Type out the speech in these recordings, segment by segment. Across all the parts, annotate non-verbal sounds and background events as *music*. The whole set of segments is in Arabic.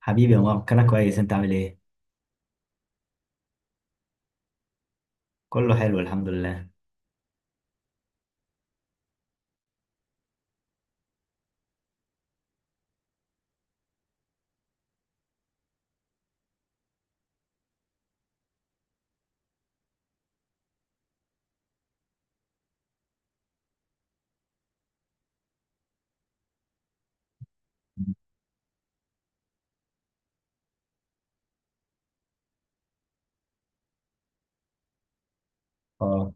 حبيبي يا مارك، انا كويس. انت عامل ايه؟ كله حلو الحمد لله. اه،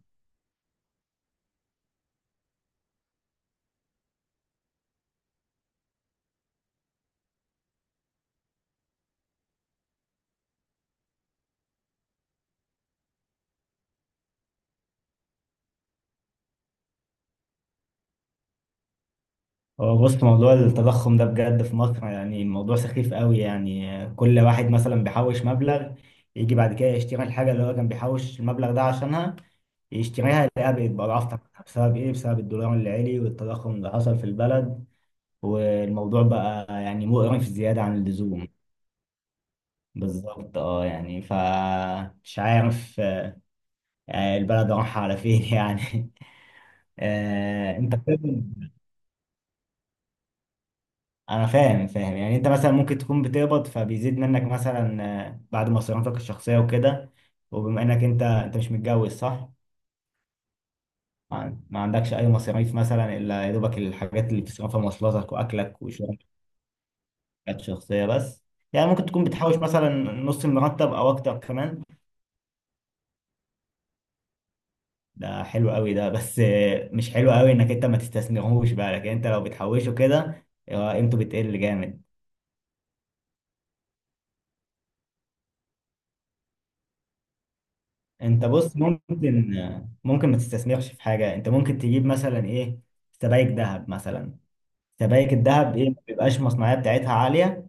هو بص، موضوع التضخم ده بجد في مصر، يعني الموضوع سخيف قوي. يعني كل واحد مثلا بيحوش مبلغ، يجي بعد كده يشتري الحاجه اللي هو كان بيحوش المبلغ ده عشانها، يشتريها يلاقيها بقت بأضعاف ثمنها. بسبب ايه؟ بسبب الدولار اللي عالي والتضخم اللي حصل في البلد. والموضوع بقى يعني مقرف زياده عن اللزوم. بالظبط اه، يعني فمش عارف البلد رايحه على فين *laughs* يعني. انت بتقبض، انا فاهم فاهم. يعني انت مثلا ممكن تكون بتقبض فبيزيد منك مثلا بعد مصاريفك الشخصيه وكده. وبما انك انت مش متجوز صح؟ ما ما عندكش اي مصاريف مثلا الا يا دوبك الحاجات اللي بتصرفها، مواصلاتك واكلك وشغلك الشخصيه بس. يعني ممكن تكون بتحوش مثلا نص المرتب او اكتر كمان. ده حلو قوي ده، بس مش حلو قوي انك انت ما تستثمرهوش بقى، لكن انت لو بتحوشه كده قيمته بتقل جامد. انت بص، ممكن ممكن ما تستثمرش في حاجه. انت ممكن تجيب مثلا ايه، سبائك ذهب مثلا. سبائك الذهب ايه، ما بيبقاش المصنعيه بتاعتها عاليه،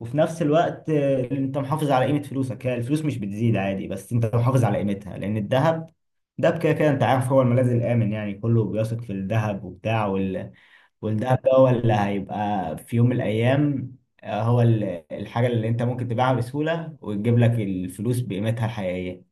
وفي نفس الوقت انت محافظ على قيمه فلوسك. هي الفلوس مش بتزيد عادي، بس انت محافظ على قيمتها لان الذهب ده كده كده انت عارف، هو الملاذ الامن. يعني كله بيثق في الذهب وبتاع وال... والذهب ده هو اللي هيبقى في يوم من الايام آه، هو ال- الحاجه اللي انت ممكن تبيعها بسهوله وتجيب لك الفلوس بقيمتها الحقيقيه.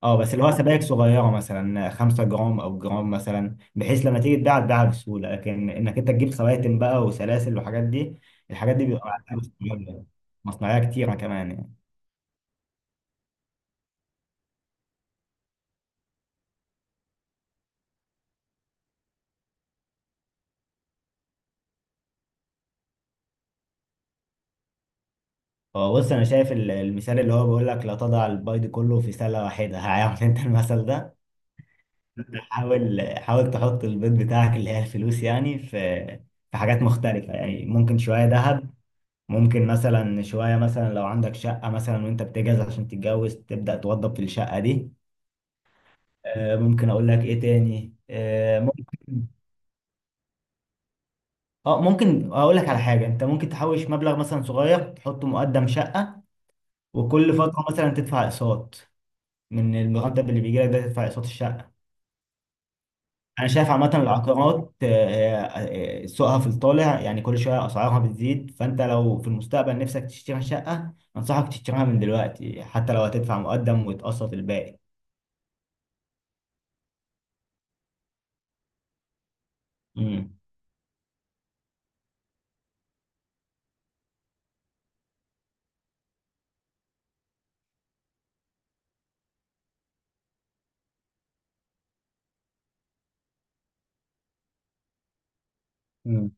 اه بس اللي هو سبائك صغيره، مثلا 5 جرام او جرام مثلا، بحيث لما تيجي تباع تباعها بسهوله. لكن انك انت تجيب خواتم بقى وسلاسل والحاجات دي، الحاجات دي بيبقى معاها فلوس كبيرة. مصنعيه كتيره كمان يعني. هو بص، انا شايف المثال اللي هو بيقول لك لا تضع البيض كله في سله واحده. *laughs* هعمل انت المثل ده. أنت حاول، حاول تحط البيض بتاعك اللي هي الفلوس يعني في في حاجات مختلفه. يعني ممكن شويه ذهب، ممكن مثلا شوية، مثلا لو عندك شقة مثلا وانت بتجهز عشان تتجوز تبدأ توضب في الشقة دي. ممكن اقول لك ايه تاني، ممكن. اه ممكن اقول لك على حاجه. انت ممكن تحوش مبلغ مثلا صغير تحطه مقدم شقه، وكل فتره مثلا تدفع اقساط، من المرتب اللي بيجي لك ده تدفع اقساط الشقه. انا شايف عامه العقارات سوقها في الطالع. يعني كل شويه اسعارها بتزيد. فانت لو في المستقبل نفسك تشتري شقه انصحك تشتريها من دلوقتي، حتى لو هتدفع مقدم وتقسط الباقي. امم،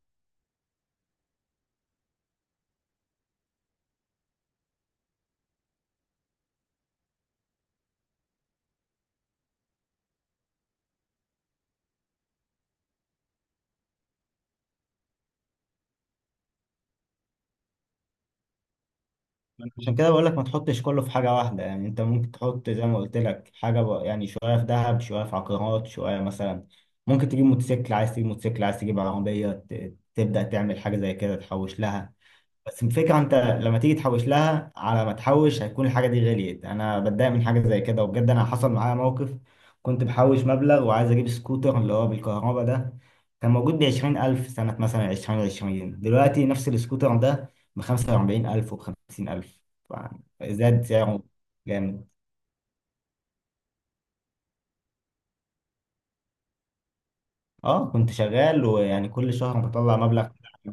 عشان كده بقول لك ما تحطش كله في حاجة واحدة. يعني انت ممكن تحط زي ما قلت لك حاجة بقى، يعني شوية في ذهب شوية في عقارات شوية مثلا، ممكن تجيب موتوسيكل، عايز تجيب موتوسيكل عايز تجيب عربية، تبدأ تعمل حاجة زي كده تحوش لها. بس الفكرة انت لما تيجي تحوش لها، على ما تحوش هتكون الحاجة دي غليت. انا بتضايق من حاجة زي كده، وبجد انا حصل معايا موقف. كنت بحوش مبلغ وعايز اجيب سكوتر اللي هو بالكهرباء ده، كان موجود بعشرين ألف سنة مثلا، عشرين عشرين. دلوقتي نفس السكوتر ده بخمسة وأربعين ألف وبخمسين ألف يعني. زاد سعره جامد. اه، كنت شغال، ويعني كل شهر بطلع مبلغ *laughs* كده.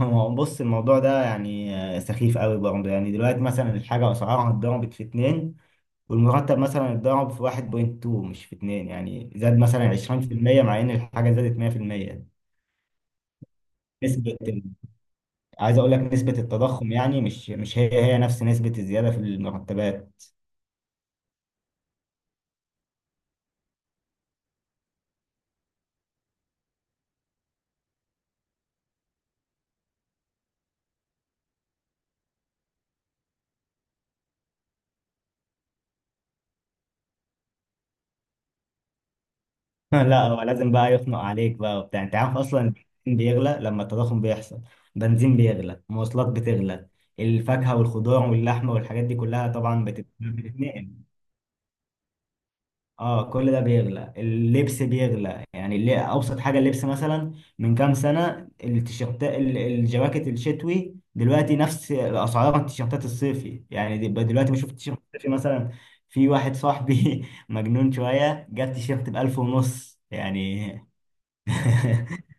هو بص، الموضوع ده يعني سخيف قوي برضه. يعني دلوقتي مثلا الحاجة أسعارها اتضربت في اتنين، والمرتب مثلا اتضرب في 1.2 مش في 2 يعني، زاد مثلا 20% مع ان الحاجة زادت 100%. نسبة، عايز اقول لك نسبة التضخم يعني مش هي هي نفس نسبة الزيادة في المرتبات. *laughs* لا، هو لازم بقى يخنق عليك بقى وبتاع. انت عارف اصلا البنزين بيغلى لما التضخم بيحصل، بنزين بيغلى مواصلات بتغلى، الفاكهة والخضار واللحمة والحاجات دي كلها طبعا بتتنقل. اه، كل ده بيغلى، اللبس بيغلى. يعني اللي ابسط حاجه اللبس مثلا، من كام سنه التيشيرت الجواكت الشتوي دلوقتي نفس اسعار التيشيرتات الصيفي يعني. دلوقتي بشوف التيشيرت الصيفي مثلا، في واحد صاحبي *laughs* مجنون شويه جاب تيشيرت ب 1000 ونص يعني. *laughs*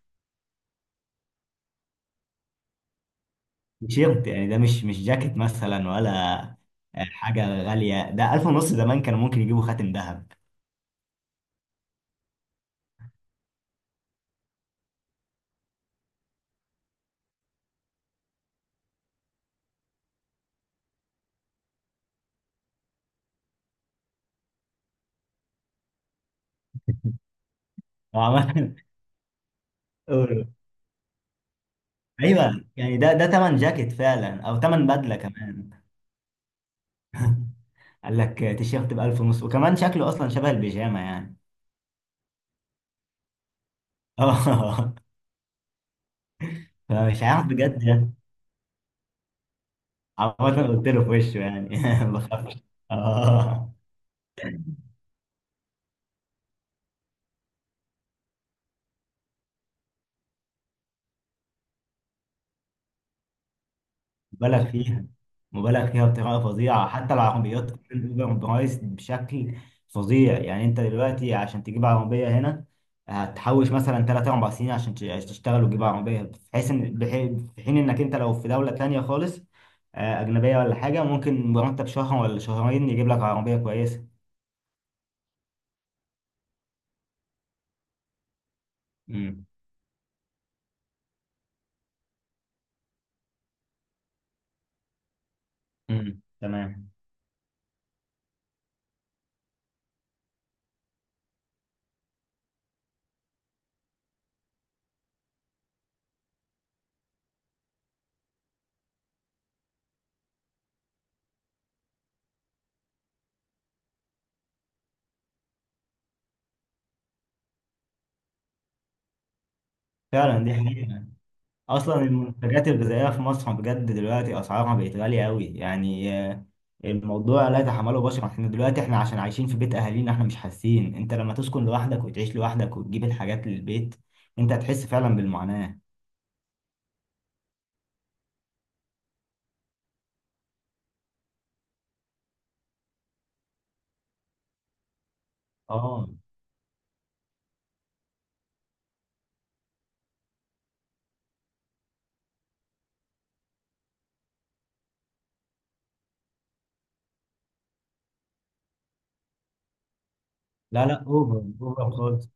تيشيرت يعني، ده مش جاكيت مثلا ولا حاجه غاليه، ده 1000 ونص. زمان كانوا ممكن يجيبوا خاتم ذهب. *laughs* وعمال- ايوه يعني، ده تمن جاكيت فعلا او تمن بدله كمان. قال لك تيشيرت ب 1000 ونص وكمان شكله اصلا شبه البيجامه يعني. اه *laughs* فمش عارف بجد. عمال قلت له في وشه يعني. *laughs* بخاف. اه، مبالغ فيها، مبالغ فيها بطريقه فظيعه، حتى العربيات كمان اوفر برايس بشكل فظيع يعني. انت دلوقتي عشان تجيب عربيه هنا هتحوش مثلا 3 4 سنين عشان عشان تشتغل وتجيب عربيه، بحيث ان في حين انك انت لو في دوله تانية خالص اجنبيه ولا حاجه، ممكن مرتب شهر ولا شهرين يجيب لك عربيه كويسه. امم، امم، تمام. فعلا دي حقيقة. أصلا المنتجات الغذائية في مصر بجد دلوقتي أسعارها بقت غالية أوي، يعني الموضوع لا يتحمله بشر. احنا دلوقتي، احنا عشان عايشين في بيت اهالينا احنا مش حاسين. انت لما تسكن لوحدك وتعيش لوحدك وتجيب الحاجات للبيت انت هتحس فعلا بالمعاناة. اه، لا لا، اوفر اوفر خالص.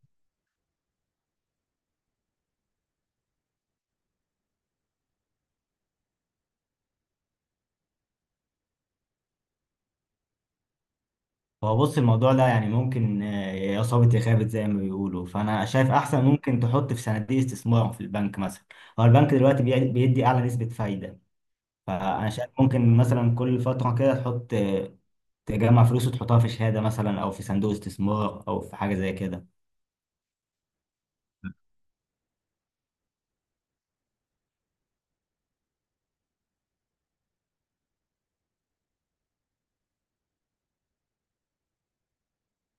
هو بص، الموضوع ده يعني ممكن يا صابت يا خابت زي ما بيقولوا. فانا شايف احسن ممكن تحط في صناديق استثمار في البنك مثلا. هو البنك دلوقتي بيدي اعلى نسبة فايدة. فانا شايف ممكن مثلا كل فترة كده تحط تجمع فلوس وتحطها في شهادة مثلا او في صندوق استثمار او في حاجة زي كده.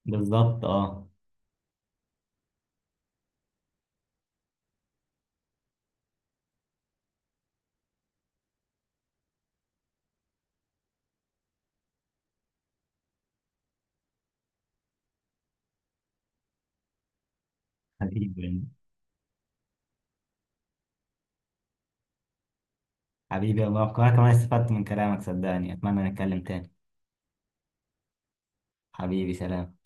بالظبط اه. حبيبي، حبيبي يا مروان، كمان كمان استفدت من كلامك صدقني، اتمنى نتكلم تاني. حبيبي سلام.